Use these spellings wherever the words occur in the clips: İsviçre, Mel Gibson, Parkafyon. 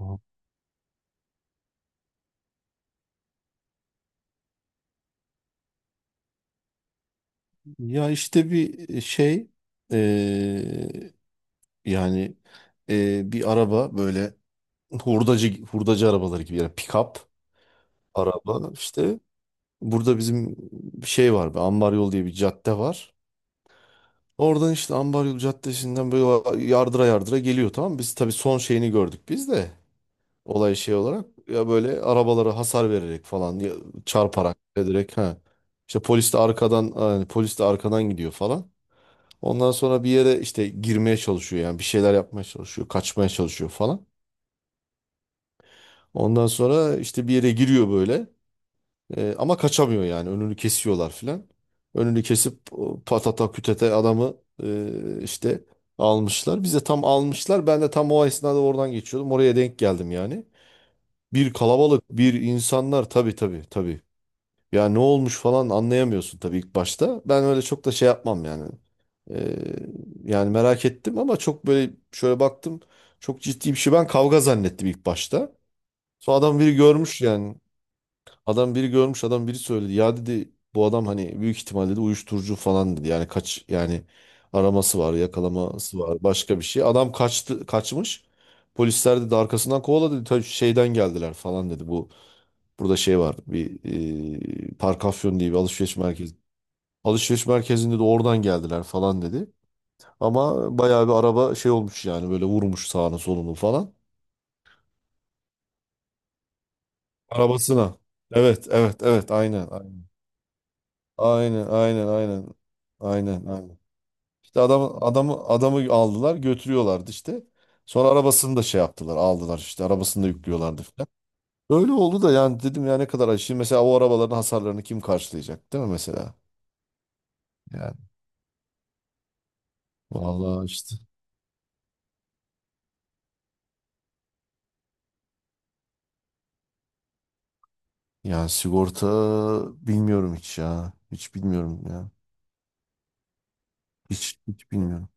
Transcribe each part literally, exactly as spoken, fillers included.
Aha. Ya işte bir e, şey, eee, yani, eee, bir araba böyle, hurdacı hurdacı arabaları gibi, yani pick-up araba işte. Burada bizim şey var, bir ambar yol diye bir cadde var. Oradan işte ambar yol caddesinden böyle yardıra yardıra geliyor, tamam mı? Biz tabii son şeyini gördük, biz de olay şey olarak, ya böyle arabalara hasar vererek falan, ya çarparak ederek, ha. İşte polis de arkadan, yani polis de arkadan gidiyor falan. Ondan sonra bir yere işte girmeye çalışıyor, yani bir şeyler yapmaya çalışıyor, kaçmaya çalışıyor falan. Ondan sonra işte bir yere giriyor böyle. Ee, ama kaçamıyor, yani önünü kesiyorlar filan. Önünü kesip o patata kütete adamı e, işte almışlar. Bize tam almışlar. Ben de tam o esnada oradan geçiyordum. Oraya denk geldim yani. Bir kalabalık, bir insanlar, tabii tabii tabii. Ya ne olmuş falan, anlayamıyorsun tabii ilk başta. Ben öyle çok da şey yapmam yani. Ee, Yani merak ettim ama çok böyle şöyle baktım. Çok ciddi bir şey. Ben kavga zannettim ilk başta. Sonra adam biri görmüş yani. Adam biri görmüş, adam biri söyledi. Ya dedi, bu adam hani büyük ihtimal dedi uyuşturucu falan dedi. Yani kaç yani, araması var, yakalaması var, başka bir şey. Adam kaçtı, kaçmış. Polisler dedi arkasından kovaladı dedi. "Ta şeyden geldiler falan" dedi. Bu burada şey var. Bir e, Parkafyon diye bir alışveriş merkezi. Alışveriş merkezinde de, oradan geldiler falan dedi. Ama bayağı bir araba şey olmuş yani, böyle vurmuş sağını solunu falan. Arabasına. Evet, evet, evet, aynen, aynen. Aynen, aynen, aynen. Aynen, aynen. İşte adamı adamı adamı aldılar, götürüyorlardı işte. Sonra arabasını da şey yaptılar, aldılar işte arabasını da yüklüyorlardı falan. Öyle oldu da, yani dedim ya ne kadar acı. Şimdi mesela o arabaların hasarlarını kim karşılayacak, değil mi mesela? Yani vallahi işte. Yani sigorta bilmiyorum hiç ya. Hiç bilmiyorum ya. Hiç hiç bilmiyorum.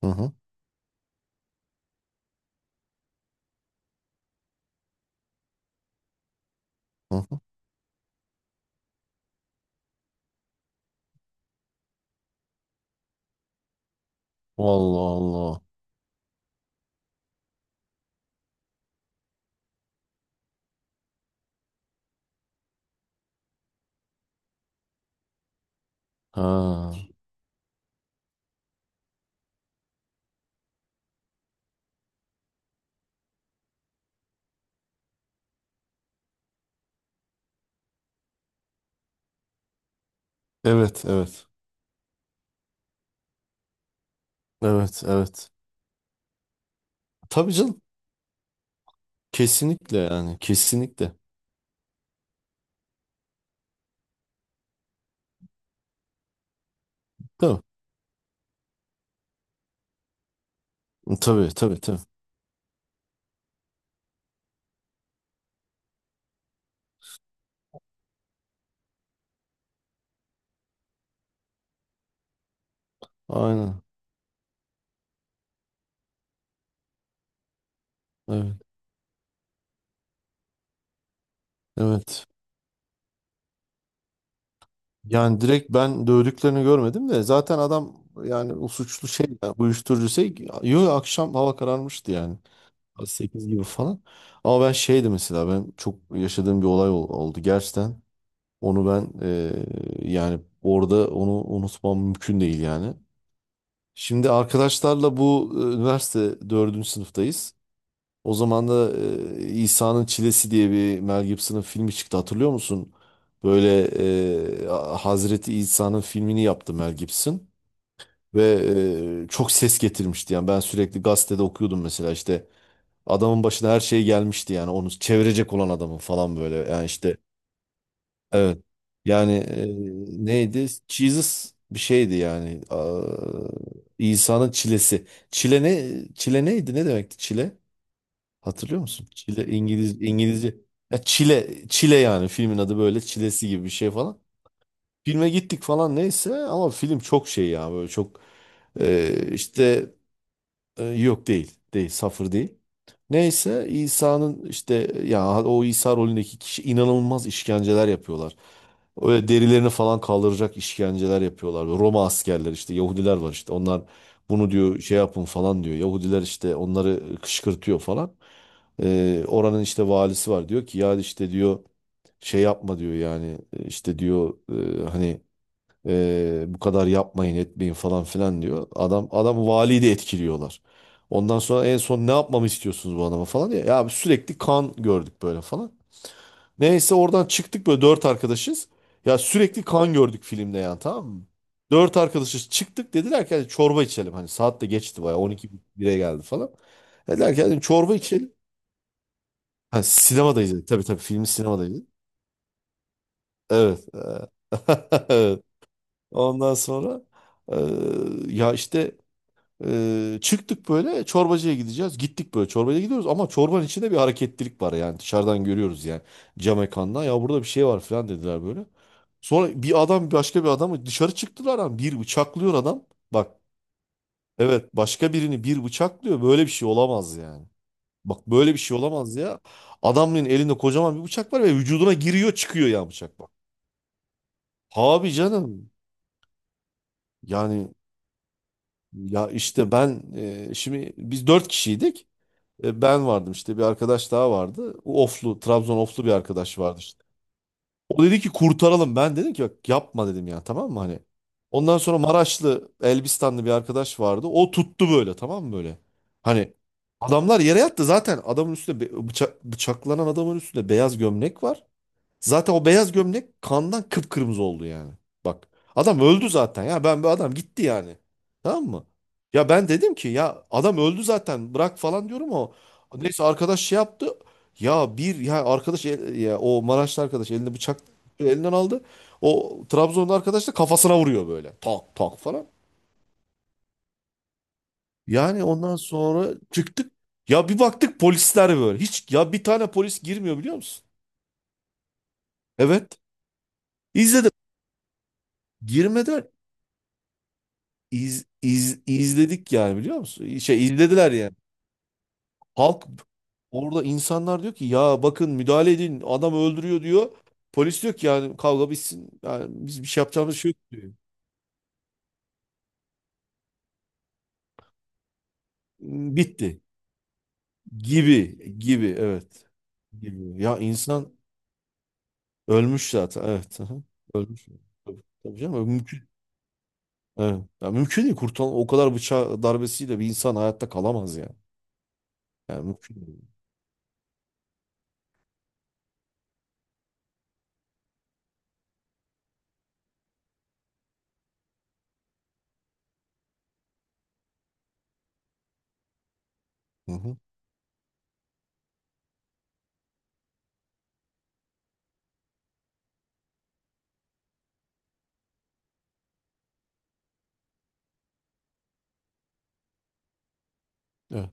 Hı hı hı. Hı. Vallahi Allah. Ha. Evet, evet. Evet, evet. Tabii canım. Kesinlikle, yani kesinlikle. Tabii. Tabii, tabii, tabii. Aynen. Evet. Evet. Yani direkt ben dövdüklerini görmedim de, zaten adam, yani o suçlu şey ya, uyuşturucu şey. Yo, akşam hava kararmıştı yani. Saat sekiz gibi falan. Ama ben şeydi mesela, ben çok yaşadığım bir olay ol- oldu gerçekten. Onu ben, eee, yani orada onu unutmam mümkün değil yani. Şimdi arkadaşlarla bu e, üniversite dördüncü sınıftayız. O zaman da e, İsa'nın Çilesi diye bir Mel Gibson'ın filmi çıktı, hatırlıyor musun? Böyle e, Hazreti İsa'nın filmini yaptı Mel Gibson ve e, çok ses getirmişti, yani ben sürekli gazetede okuyordum mesela, işte adamın başına her şey gelmişti yani, onu çevirecek olan adamın falan böyle, yani işte, evet, yani e, neydi Jesus bir şeydi yani. Aa, İsa'nın çilesi, çile ne, çile neydi, ne demekti çile? Hatırlıyor musun? Çile İngiliz, İngilizce. Ya Çile, Çile yani, filmin adı böyle Çilesi gibi bir şey falan. Filme gittik falan, neyse ama film çok şey ya, böyle çok e, işte, ee, yok değil. Değil. Safır değil. Neyse İsa'nın işte, ya o İsa rolündeki kişi inanılmaz işkenceler yapıyorlar. Öyle derilerini falan kaldıracak işkenceler yapıyorlar. Roma askerler işte, Yahudiler var işte, onlar bunu diyor şey yapın falan diyor. Yahudiler işte onları kışkırtıyor falan. Ee, oranın işte valisi var, diyor ki ya işte diyor şey yapma diyor, yani. Ee, işte diyor e, hani ee, bu kadar yapmayın etmeyin falan filan diyor. Adam adam valiyi de etkiliyorlar. Ondan sonra en son ne yapmamı istiyorsunuz bu adama falan diye. Ya sürekli kan gördük böyle falan. Neyse oradan çıktık böyle, dört arkadaşız. Ya sürekli kan gördük filmde yani, tamam mı? Dört arkadaşız, çıktık dediler ki "Hadi çorba içelim." Hani saat de geçti bayağı, on iki bire geldi falan. Dediler ki "Hadi çorba içelim." Ha, sinemada izledik, tabii tabii filmi sinemada izledik. Evet. e, Evet. Ondan sonra, ee, ya işte, Ee, çıktık böyle, çorbacıya gideceğiz. Gittik böyle çorbacıya gidiyoruz ama çorbanın içinde bir hareketlilik var yani, dışarıdan görüyoruz yani, cam ekrandan, ya burada bir şey var falan dediler böyle. Sonra bir adam başka bir adamı, dışarı çıktılar ama, bir bıçaklıyor adam. Bak, evet, başka birini bir bıçaklıyor, böyle bir şey olamaz yani. Bak böyle bir şey olamaz ya. Adamın elinde kocaman bir bıçak var ve vücuduna giriyor çıkıyor ya, bıçak bak. Abi canım, yani, ya işte ben, e, şimdi biz dört kişiydik. E, Ben vardım işte, bir arkadaş daha vardı. O Oflu, Trabzon Oflu bir arkadaş vardı işte. O dedi ki kurtaralım. Ben dedim ki bak yapma dedim ya, tamam mı hani. Ondan sonra Maraşlı, Elbistanlı bir arkadaş vardı. O tuttu böyle, tamam mı böyle. Hani adamlar yere yattı zaten, adamın üstünde be- bıçak, bıçaklanan adamın üstünde beyaz gömlek var. Zaten o beyaz gömlek kandan kıpkırmızı oldu yani. Bak adam öldü zaten ya, ben bu adam gitti yani. Tamam mı? Ya ben dedim ki ya adam öldü zaten, bırak falan diyorum o. Neyse arkadaş şey yaptı. Ya bir ya arkadaş, el- ya o Maraşlı arkadaş elinde bıçak, elinden aldı. O Trabzonlu arkadaş da kafasına vuruyor böyle. Tak tak falan. Yani ondan sonra çıktık. Ya bir baktık polisler böyle. Hiç ya, bir tane polis girmiyor biliyor musun? Evet. İzledim. Girmediler. İz, iz, izledik yani biliyor musun? Şey izlediler yani. Halk, orada insanlar diyor ki ya, bakın müdahale edin adam öldürüyor diyor. Polis diyor ki, yani kavga bitsin. Yani biz bir şey yapacağımız şey yok diyor. Bitti. Gibi gibi, evet. Gibi. Ya insan ölmüş zaten, evet. Aha. Ölmüş. Tabii, tabii canım mümkün. Evet. Ya mümkün değil kurtulan, o kadar bıçak darbesiyle bir insan hayatta kalamaz yani. Yani mümkün değil. Hı hı. Evet.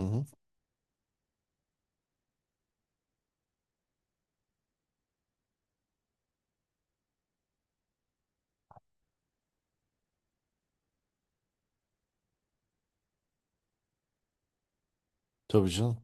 Hı hı. Tabii canım.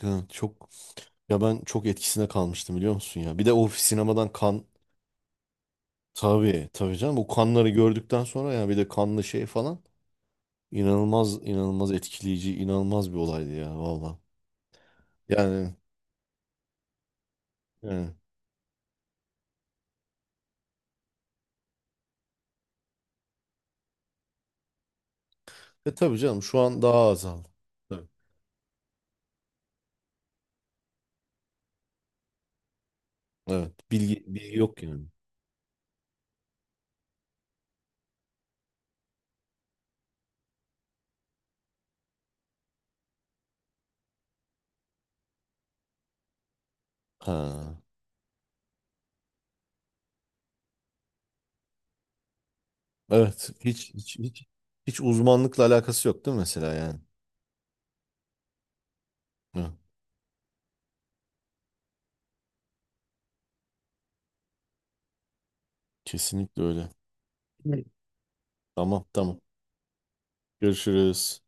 Hı. Çok Ya ben çok etkisine kalmıştım biliyor musun ya. Bir de o sinemadan kan, tabii tabii canım, bu kanları gördükten sonra ya bir de kanlı şey falan, inanılmaz inanılmaz etkileyici, inanılmaz bir olaydı ya valla. Yani, yani. E tabii canım şu an daha azaldı. Tabii. Evet, bilgi, bilgi yok yani. Ha. Evet hiç hiç hiç hiç uzmanlıkla alakası yok değil mi mesela yani? Ha, kesinlikle öyle. Evet. Tamam, tamam. Görüşürüz.